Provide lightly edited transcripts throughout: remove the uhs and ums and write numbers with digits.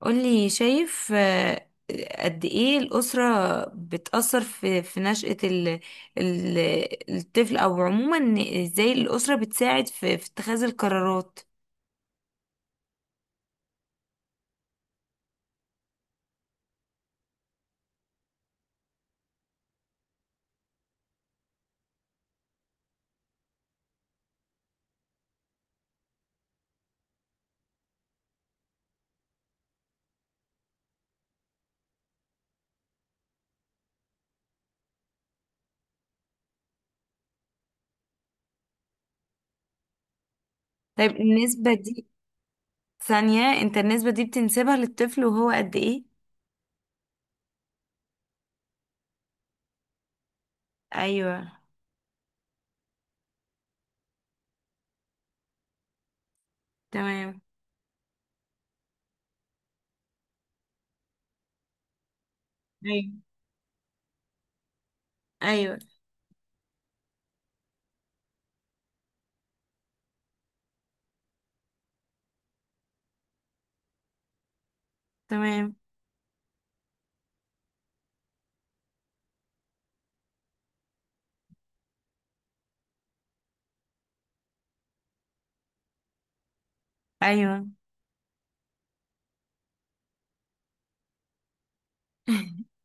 قولي شايف قد ايه الأسرة بتأثر في نشأة ال الطفل او عموما إن ازاي الأسرة بتساعد في اتخاذ القرارات. طيب النسبة دي ثانية انت النسبة دي بتنسبها للطفل وهو قد ايه؟ ايوه. تمام. ايوه. ايوه. تمام. ايوه.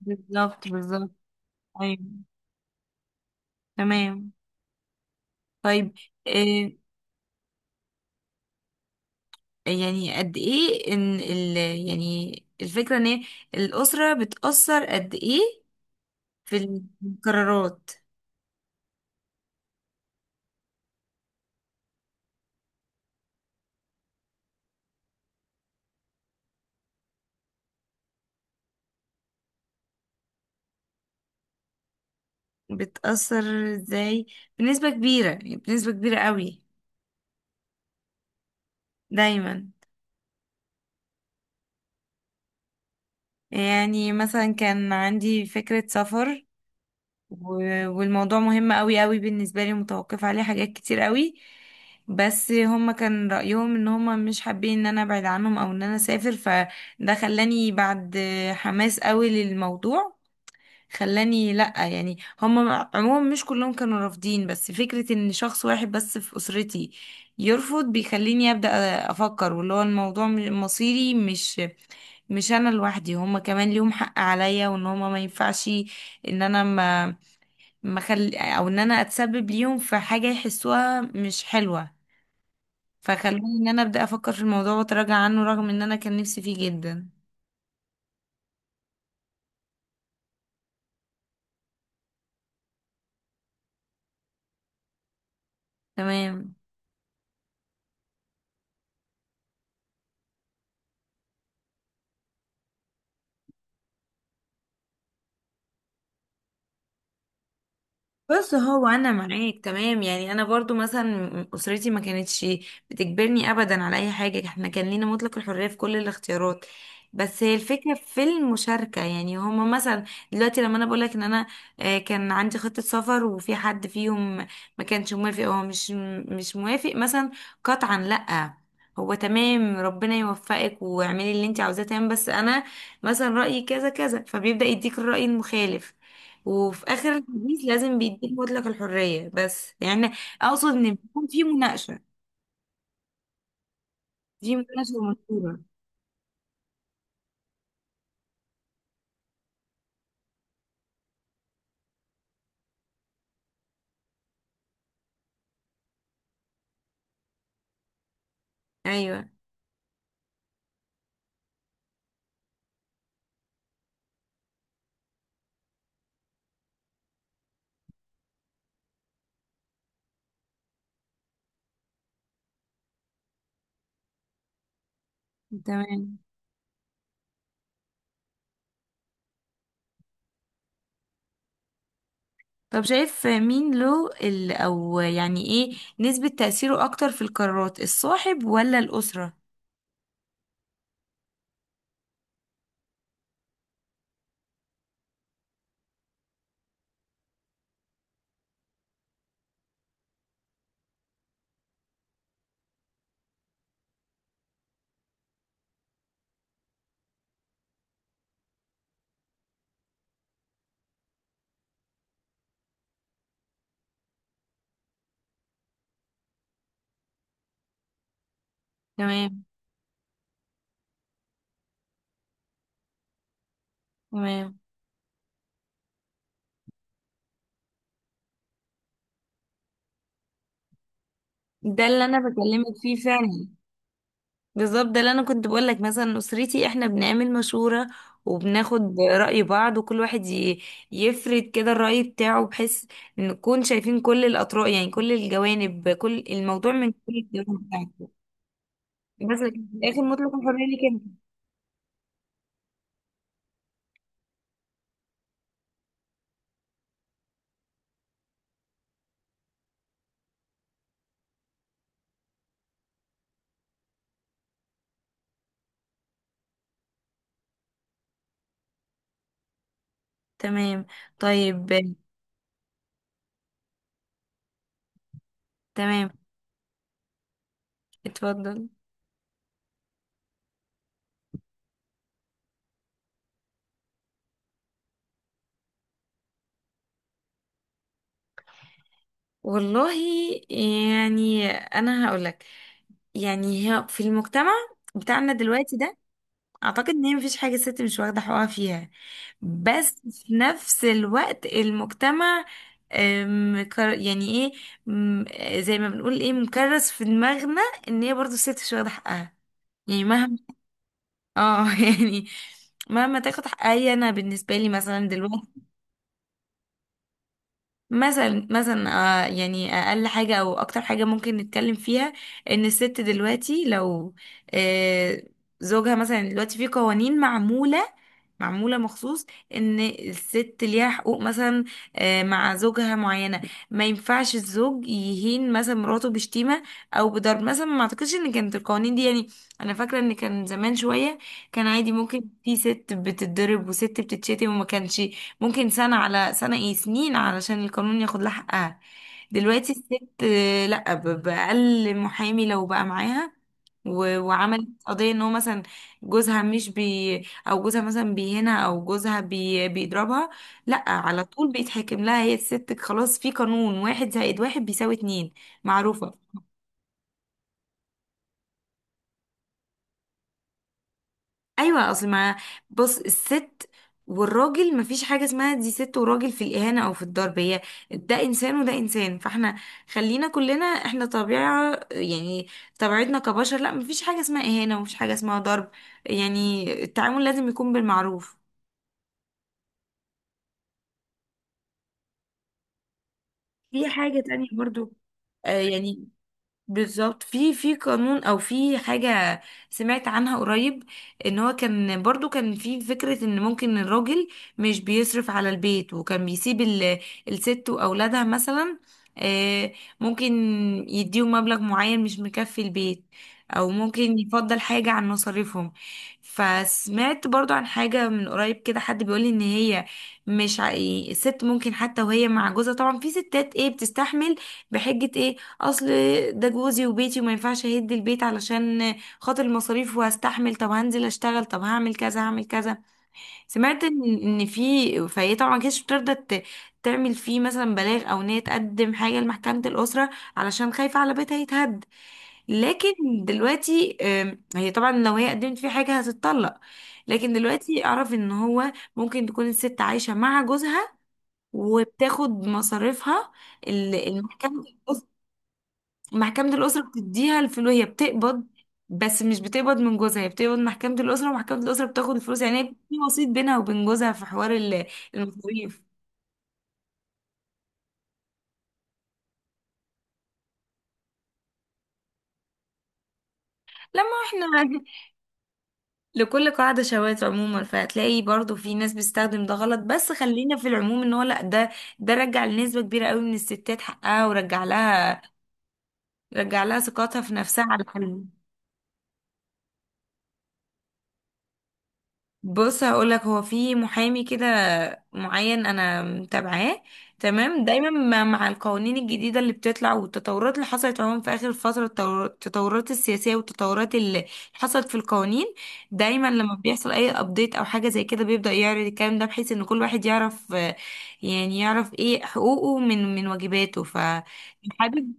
بالظبط بالظبط. ايوه. تمام. طيب. إيه. يعني قد ايه ان ال، يعني الفكرة ان هي الأسرة بتأثر قد ايه في القرارات. بتأثر ازاي؟ بنسبة كبيرة يعني بنسبة كبيرة قوي. دايما. يعني مثلا كان عندي فكرة سفر والموضوع مهم قوي قوي بالنسبة لي، متوقف عليه حاجات كتير قوي، بس هما كان رأيهم ان هما مش حابين ان انا ابعد عنهم او ان انا اسافر، فده خلاني بعد حماس قوي للموضوع، خلاني لأ يعني هم عموما مش كلهم كانوا رافضين، بس فكرة ان شخص واحد بس في أسرتي يرفض بيخليني أبدأ أفكر، واللي هو الموضوع مصيري، مش أنا لوحدي، هم كمان ليهم حق عليا، وان هم ما ينفعش ان أنا ما ما خل... أو ان أنا أتسبب ليهم في حاجة يحسوها مش حلوة، فخلاني ان أنا أبدأ أفكر في الموضوع وأتراجع عنه رغم ان أنا كان نفسي فيه جدا. تمام بس هو انا معاك، تمام يعني انا برضو مثلا اسرتي ما كانتش بتجبرني ابدا على اي حاجه، احنا كان لينا مطلق الحريه في كل الاختيارات، بس هي الفكره في المشاركه، يعني هما مثلا دلوقتي لما انا بقول لك ان انا كان عندي خطه سفر وفي حد فيهم ما كانش موافق، هو مش موافق مثلا قطعا لا، هو تمام ربنا يوفقك واعملي اللي انت عاوزاه، تمام بس انا مثلا رايي كذا كذا، فبيبدا يديك الراي المخالف، وفي اخر الحديث لازم بيديك مطلق الحرية بس يعني اقصد ان بيكون في مناقشة، في مناقشة منصورة. ايوه. تمام. طب شايف مين له ال، او يعني ايه نسبة تأثيره اكتر في القرارات، الصاحب ولا الأسرة؟ تمام. تمام. ده اللي انا بكلمك فيه فعلا. بالظبط ده اللي انا كنت بقول لك، مثلا اسرتي احنا بنعمل مشورة وبناخد رأي بعض، وكل واحد يفرد كده الرأي بتاعه، بحيث ان نكون شايفين كل الأطراف، يعني كل الجوانب، كل الموضوع من كل الجوانب بتاعته. بس لكن في الاخر مطلق الحرية ليك انت. تمام. طيب. تمام. اتفضل. والله يعني انا هقول لك، يعني هي في المجتمع بتاعنا دلوقتي ده اعتقد ان هي مفيش حاجه الست مش واخده حقها فيها، بس في نفس الوقت المجتمع يعني ايه، أم، زي ما بنقول ايه مكرس في دماغنا ان هي برضو الست مش واخده حقها، يعني مهما، اه يعني مهما تاخد حقها هي، انا بالنسبه لي مثلا دلوقتي، مثلا مثلا يعني اقل حاجه او اكتر حاجه ممكن نتكلم فيها، ان الست دلوقتي لو آه زوجها مثلا، دلوقتي في قوانين معموله، معموله مخصوص ان الست ليها حقوق مثلا مع زوجها معينه، ما ينفعش الزوج يهين مثلا مراته بشتيمه او بضرب مثلا، ما اعتقدش ان كانت القوانين دي يعني، انا فاكره ان كان زمان شويه كان عادي ممكن في ست بتتضرب وست بتتشتم، وما كانش ممكن سنة على سنة، ايه سنين علشان القانون ياخد لها حقها. دلوقتي الست لا بأقل محامي لو بقى معاها وعملت قضية ان هو مثلا جوزها مش بي او جوزها مثلا بيهينها، او جوزها بيضربها، لا على طول بيتحكم لها هي الست، خلاص في قانون واحد زائد واحد بيساوي اتنين معروفة. ايوه اصل ما، بص الست والراجل مفيش حاجه اسمها دي ست وراجل في الاهانه او في الضرب، هي ده انسان وده انسان، فاحنا خلينا كلنا احنا طبيعه يعني، طبيعتنا كبشر، لا مفيش حاجه اسمها اهانه، ومفيش حاجه اسمها ضرب، يعني التعامل لازم يكون بالمعروف. في حاجه تانية برضو يعني، بالظبط في في قانون او في حاجة سمعت عنها قريب، ان هو كان برضو كان في فكرة ان ممكن الراجل مش بيصرف على البيت، وكان بيسيب الست واولادها مثلا، آه، ممكن يديهم مبلغ معين مش مكفي البيت، او ممكن يفضل حاجة عن مصاريفهم. فسمعت برضو عن حاجة من قريب كده، حد بيقولي ان هي مش ع- الست ممكن حتى وهي مع جوزها، طبعا في ستات ايه بتستحمل بحجة ايه، اصل ده جوزي وبيتي وما ينفعش اهد البيت علشان خاطر المصاريف، وهستحمل طب هنزل اشتغل طب هعمل كذا هعمل كذا. سمعت ان إن في، فهي طبعا كانتش بترضى تعمل فيه مثلا بلاغ او ان هي تقدم حاجه لمحكمه الاسره علشان خايفه على بيتها يتهد، لكن دلوقتي هي طبعا لو هي قدمت فيه حاجه هتتطلق، لكن دلوقتي اعرف ان هو ممكن تكون الست عايشه مع جوزها وبتاخد مصاريفها. المحكمة، محكمة الأسرة بتديها الفلوس، هي بتقبض. بس مش بتقبض من جوزها، هي بتقبض محكمة الأسرة، ومحكمة الأسرة بتاخد الفلوس، يعني هي في وسيط بينها وبين جوزها في حوار المصاريف. لما احنا لكل قاعدة شواذ عموما، فهتلاقي برضو في ناس بتستخدم ده غلط، بس خلينا في العموم ان هو لا، ده ده رجع لنسبة كبيرة قوي من الستات حقها ورجع لها، رجع لها ثقتها في نفسها على الحل. بص هقولك هو في محامي كده معين انا متابعاه، تمام دايما مع القوانين الجديده اللي بتطلع والتطورات اللي حصلت عموما في اخر فتره، التطورات السياسيه والتطورات اللي حصلت في القوانين، دايما لما بيحصل اي ابديت او حاجه زي كده بيبدا يعرض الكلام ده، بحيث ان كل واحد يعرف، يعني يعرف ايه حقوقه من من واجباته ف. حابب.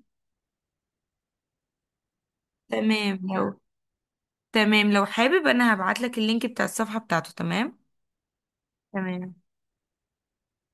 تمام لو، تمام لو حابب انا هبعتلك اللينك بتاع الصفحه بتاعته. تمام. تمام.